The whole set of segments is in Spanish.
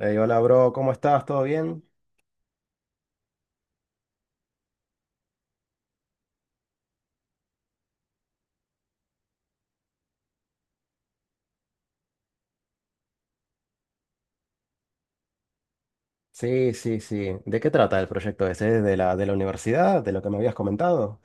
Ey, hola, bro, ¿cómo estás? ¿Todo bien? Sí, sí, sí. ¿De qué trata el proyecto ese? ¿De la universidad? ¿De lo que me habías comentado?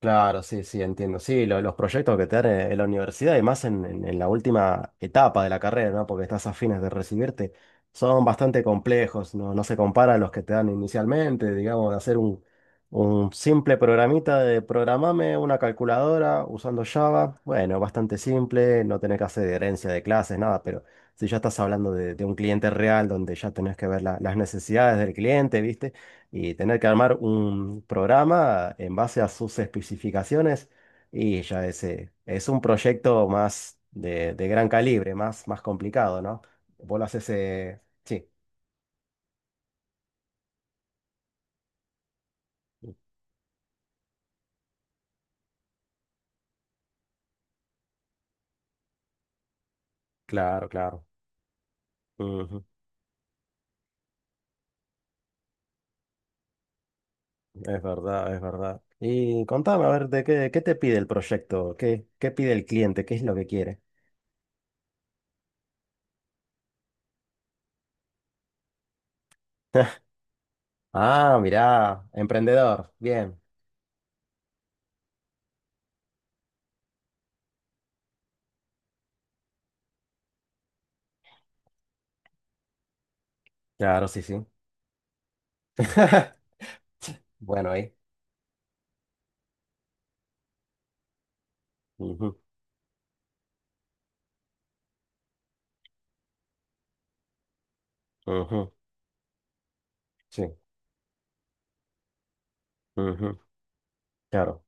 Claro, sí, sí, entiendo. Sí, los proyectos que te dan en- en la universidad y más en la última etapa de la carrera, ¿no? Porque estás a fines de recibirte, son bastante complejos, ¿no? No se compara a los que te dan inicialmente, digamos, de hacer un simple programita de programame una calculadora usando Java. Bueno, bastante simple, no tenés que hacer herencia de clases, nada, pero si ya estás hablando de un cliente real donde ya tenés que ver las necesidades del cliente, ¿viste? Y tener que armar un programa en base a sus especificaciones, y ya ese es un proyecto más de gran calibre, más, más complicado, ¿no? Vos lo haces, sí, claro, claro. Ujú. Es verdad, es verdad. Y contame, a ver, qué te pide el proyecto? ¿Qué pide el cliente? ¿Qué es lo que quiere? Ah, mirá, emprendedor. Bien. Claro, sí, sí. Bueno, ahí. Ujú, ujú. Sí. Ujú. Claro.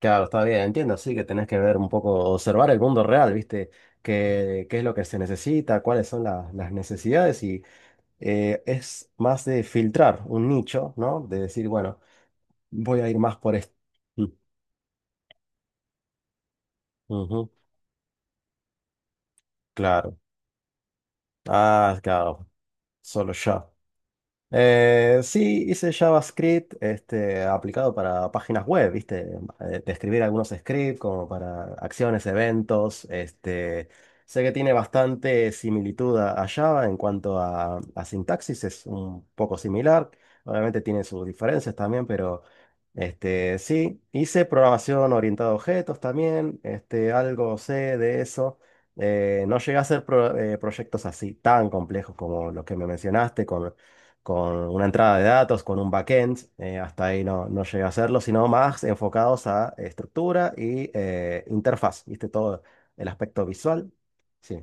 Claro, está bien, entiendo, sí que tenés que ver un poco, observar el mundo real, ¿viste? ¿Qué es lo que se necesita? ¿Cuáles son las necesidades? Y es más de filtrar un nicho, ¿no? De decir, bueno, voy a ir más por esto. Mm, ujú, claro. Ah, claro, solo ya. Sí, hice JavaScript, este, aplicado para páginas web, ¿viste? De escribir algunos scripts como para acciones, eventos. Este, sé que tiene bastante similitud a Java en cuanto a sintaxis, es un poco similar. Obviamente tiene sus diferencias también, pero, este, sí, hice programación orientada a objetos también, este, algo sé de eso. No llegué a hacer proyectos así tan complejos como los que me mencionaste, con una entrada de datos, con un backend, hasta ahí no, no llegué a hacerlo, sino más enfocados a estructura y, interfaz, ¿viste? Todo el aspecto visual. Sí.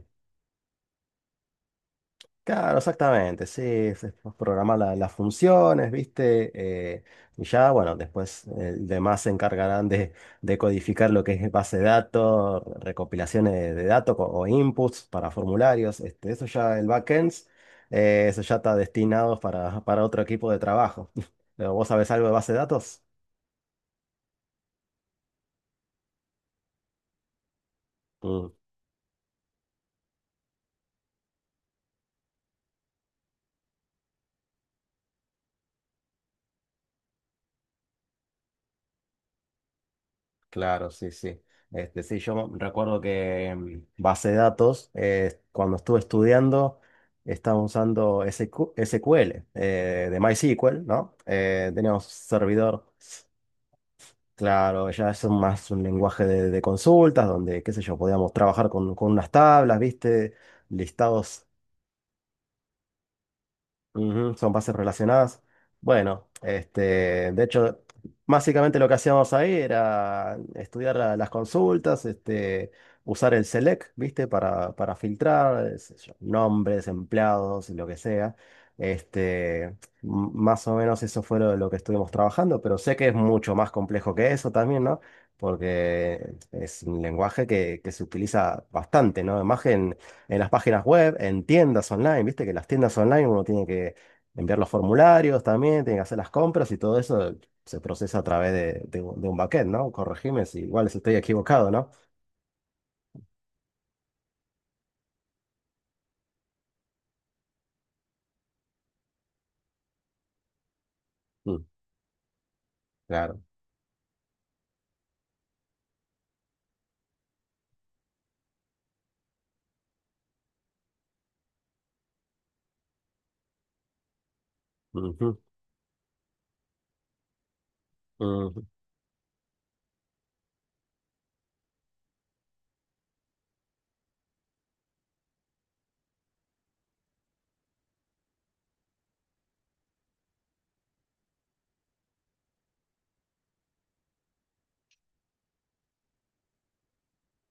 Claro, exactamente, sí, se programa las funciones, ¿viste? Eh, y ya, bueno, después, demás se encargarán de codificar lo que es base de datos, recopilaciones de datos o inputs para formularios, este, eso ya, el backend, eso ya está destinado para otro equipo de trabajo. Pero, ¿vos sabés algo de base de datos? Mm. Claro, sí, sí. Este, sí, yo recuerdo que en base de datos, cuando estuve estudiando, estaba usando S Q SQ SQL, de MySQL, ¿no? Teníamos servidor, claro, ya es más un lenguaje de consultas, donde, qué sé yo, podíamos trabajar con unas tablas, ¿viste? Listados. Ujú, son bases relacionadas. Bueno, este, de hecho, básicamente lo que hacíamos ahí era estudiar las consultas, este, usar el select, ¿viste? Para filtrar, sé yo, nombres, empleados, lo que sea. Este, más o menos eso fue lo que estuvimos trabajando, pero sé que es mucho más complejo que eso también, ¿no? Porque es un lenguaje que se utiliza bastante, ¿no? Imagen en las páginas web, en tiendas online, viste que las tiendas online uno tiene que enviar los formularios también, tiene que hacer las compras, y todo eso se procesa a través de un backend, ¿no? Corregime si igual si estoy equivocado, ¿no? Mm, claro. Ujú, ujú,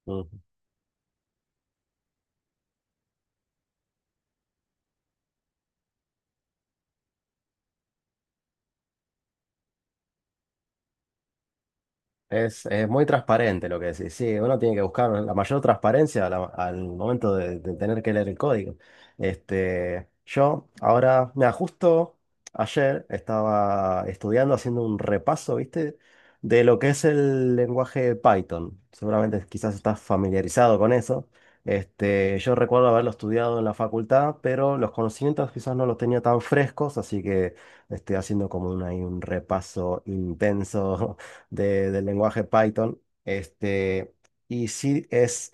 ujú. Es muy transparente lo que decís. Sí, uno tiene que buscar la mayor transparencia a al momento de tener que leer el código. Este, yo ahora, me justo ayer estaba estudiando, haciendo un repaso, ¿viste? De lo que es el lenguaje Python. Seguramente quizás estás familiarizado con eso. Este, yo recuerdo haberlo estudiado en la facultad, pero los conocimientos quizás no los tenía tan frescos, así que estoy haciendo como un, ahí un repaso intenso del lenguaje Python. Este, y sí, es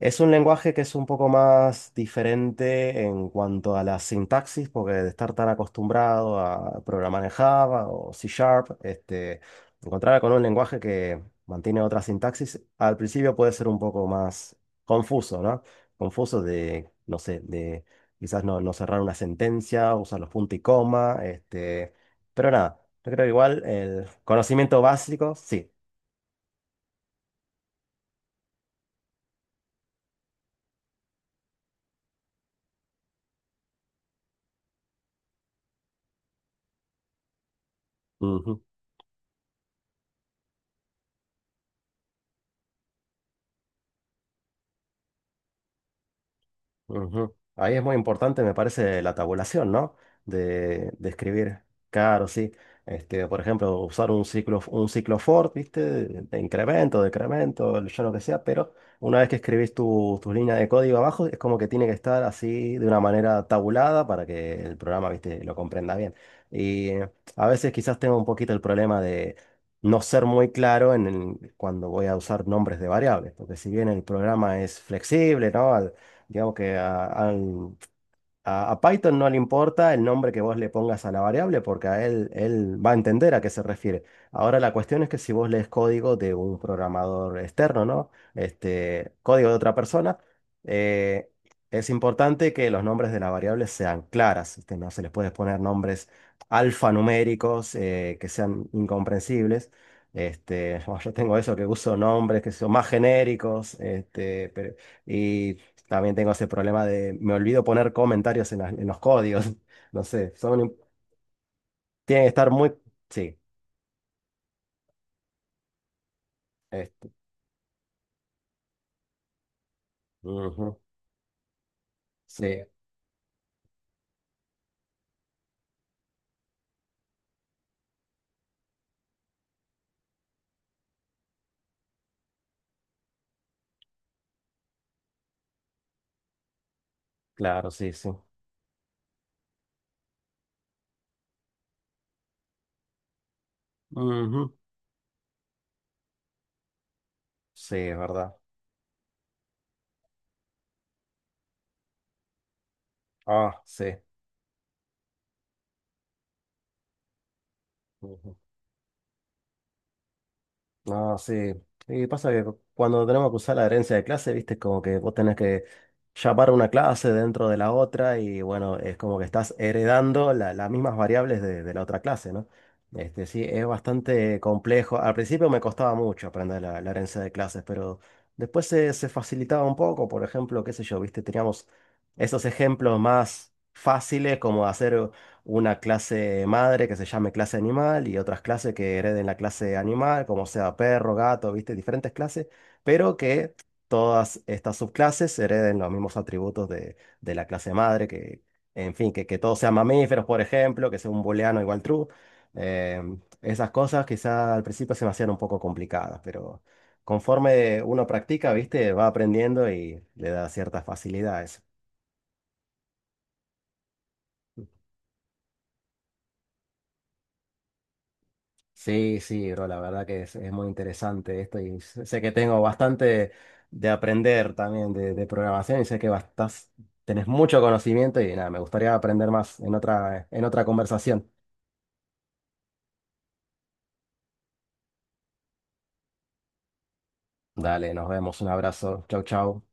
es un lenguaje que es un poco más diferente en cuanto a la sintaxis, porque de estar tan acostumbrado a programar en Java o C Sharp, este, encontrarme con un lenguaje que mantiene otra sintaxis, al principio puede ser un poco más confuso, ¿no? Confuso de, no sé, de quizás no, no cerrar una sentencia, usar los puntos y coma, este, pero nada, yo creo que igual el conocimiento básico, sí. Ujú. Ahí es muy importante, me parece, la tabulación, ¿no? De escribir. Claro, sí. Este, por ejemplo, usar un ciclo for, ¿viste? De incremento, decremento, yo lo que sea, pero una vez que escribís tu línea de código abajo, es como que tiene que estar así de una manera tabulada para que el programa, ¿viste?, lo comprenda bien. Y, a veces quizás tengo un poquito el problema de no ser muy claro en cuando voy a usar nombres de variables, porque si bien el programa es flexible, ¿no? Digamos que a Python no le importa el nombre que vos le pongas a la variable, porque a él va a entender a qué se refiere. Ahora la cuestión es que si vos lees código de un programador externo, ¿no? Este, código de otra persona, eh, es importante que los nombres de las variables sean claras. Este, no se les puede poner nombres alfanuméricos, que sean incomprensibles. Este, bueno, yo tengo eso que uso nombres que son más genéricos, este, y también tengo ese problema de, me olvido poner comentarios en, en los códigos. No sé, tienen que estar muy. Sí, esto. Ujú. Sí, claro, sí, sí. Ujú. Sí, es verdad. Ah, sí. Ujú. No, sí. Y pasa que cuando tenemos que usar la herencia de clase, viste, es como que vos tenés que llamar una clase dentro de la otra, y bueno, es como que estás heredando las mismas variables de la otra clase, ¿no? Este, sí, es bastante complejo. Al principio me costaba mucho aprender la herencia de clases, pero después se facilitaba un poco. Por ejemplo, qué sé yo, viste, teníamos esos ejemplos más fáciles como hacer una clase madre que se llame clase animal y otras clases que hereden la clase animal, como sea perro, gato, ¿viste? Diferentes clases, pero que todas estas subclases hereden los mismos atributos de la clase madre, que, en fin, que todos sean mamíferos, por ejemplo, que sea un booleano igual true. Esas cosas quizá al principio se me hacían un poco complicadas, pero conforme uno practica, ¿viste?, va aprendiendo y le da cierta facilidad a eso. Sí, sí, bro, la verdad que es muy interesante esto, y sé que tengo bastante de aprender también de programación, y sé que tenés mucho conocimiento, y nada, me gustaría aprender más en otra conversación. Dale, nos vemos, un abrazo, chau, chau.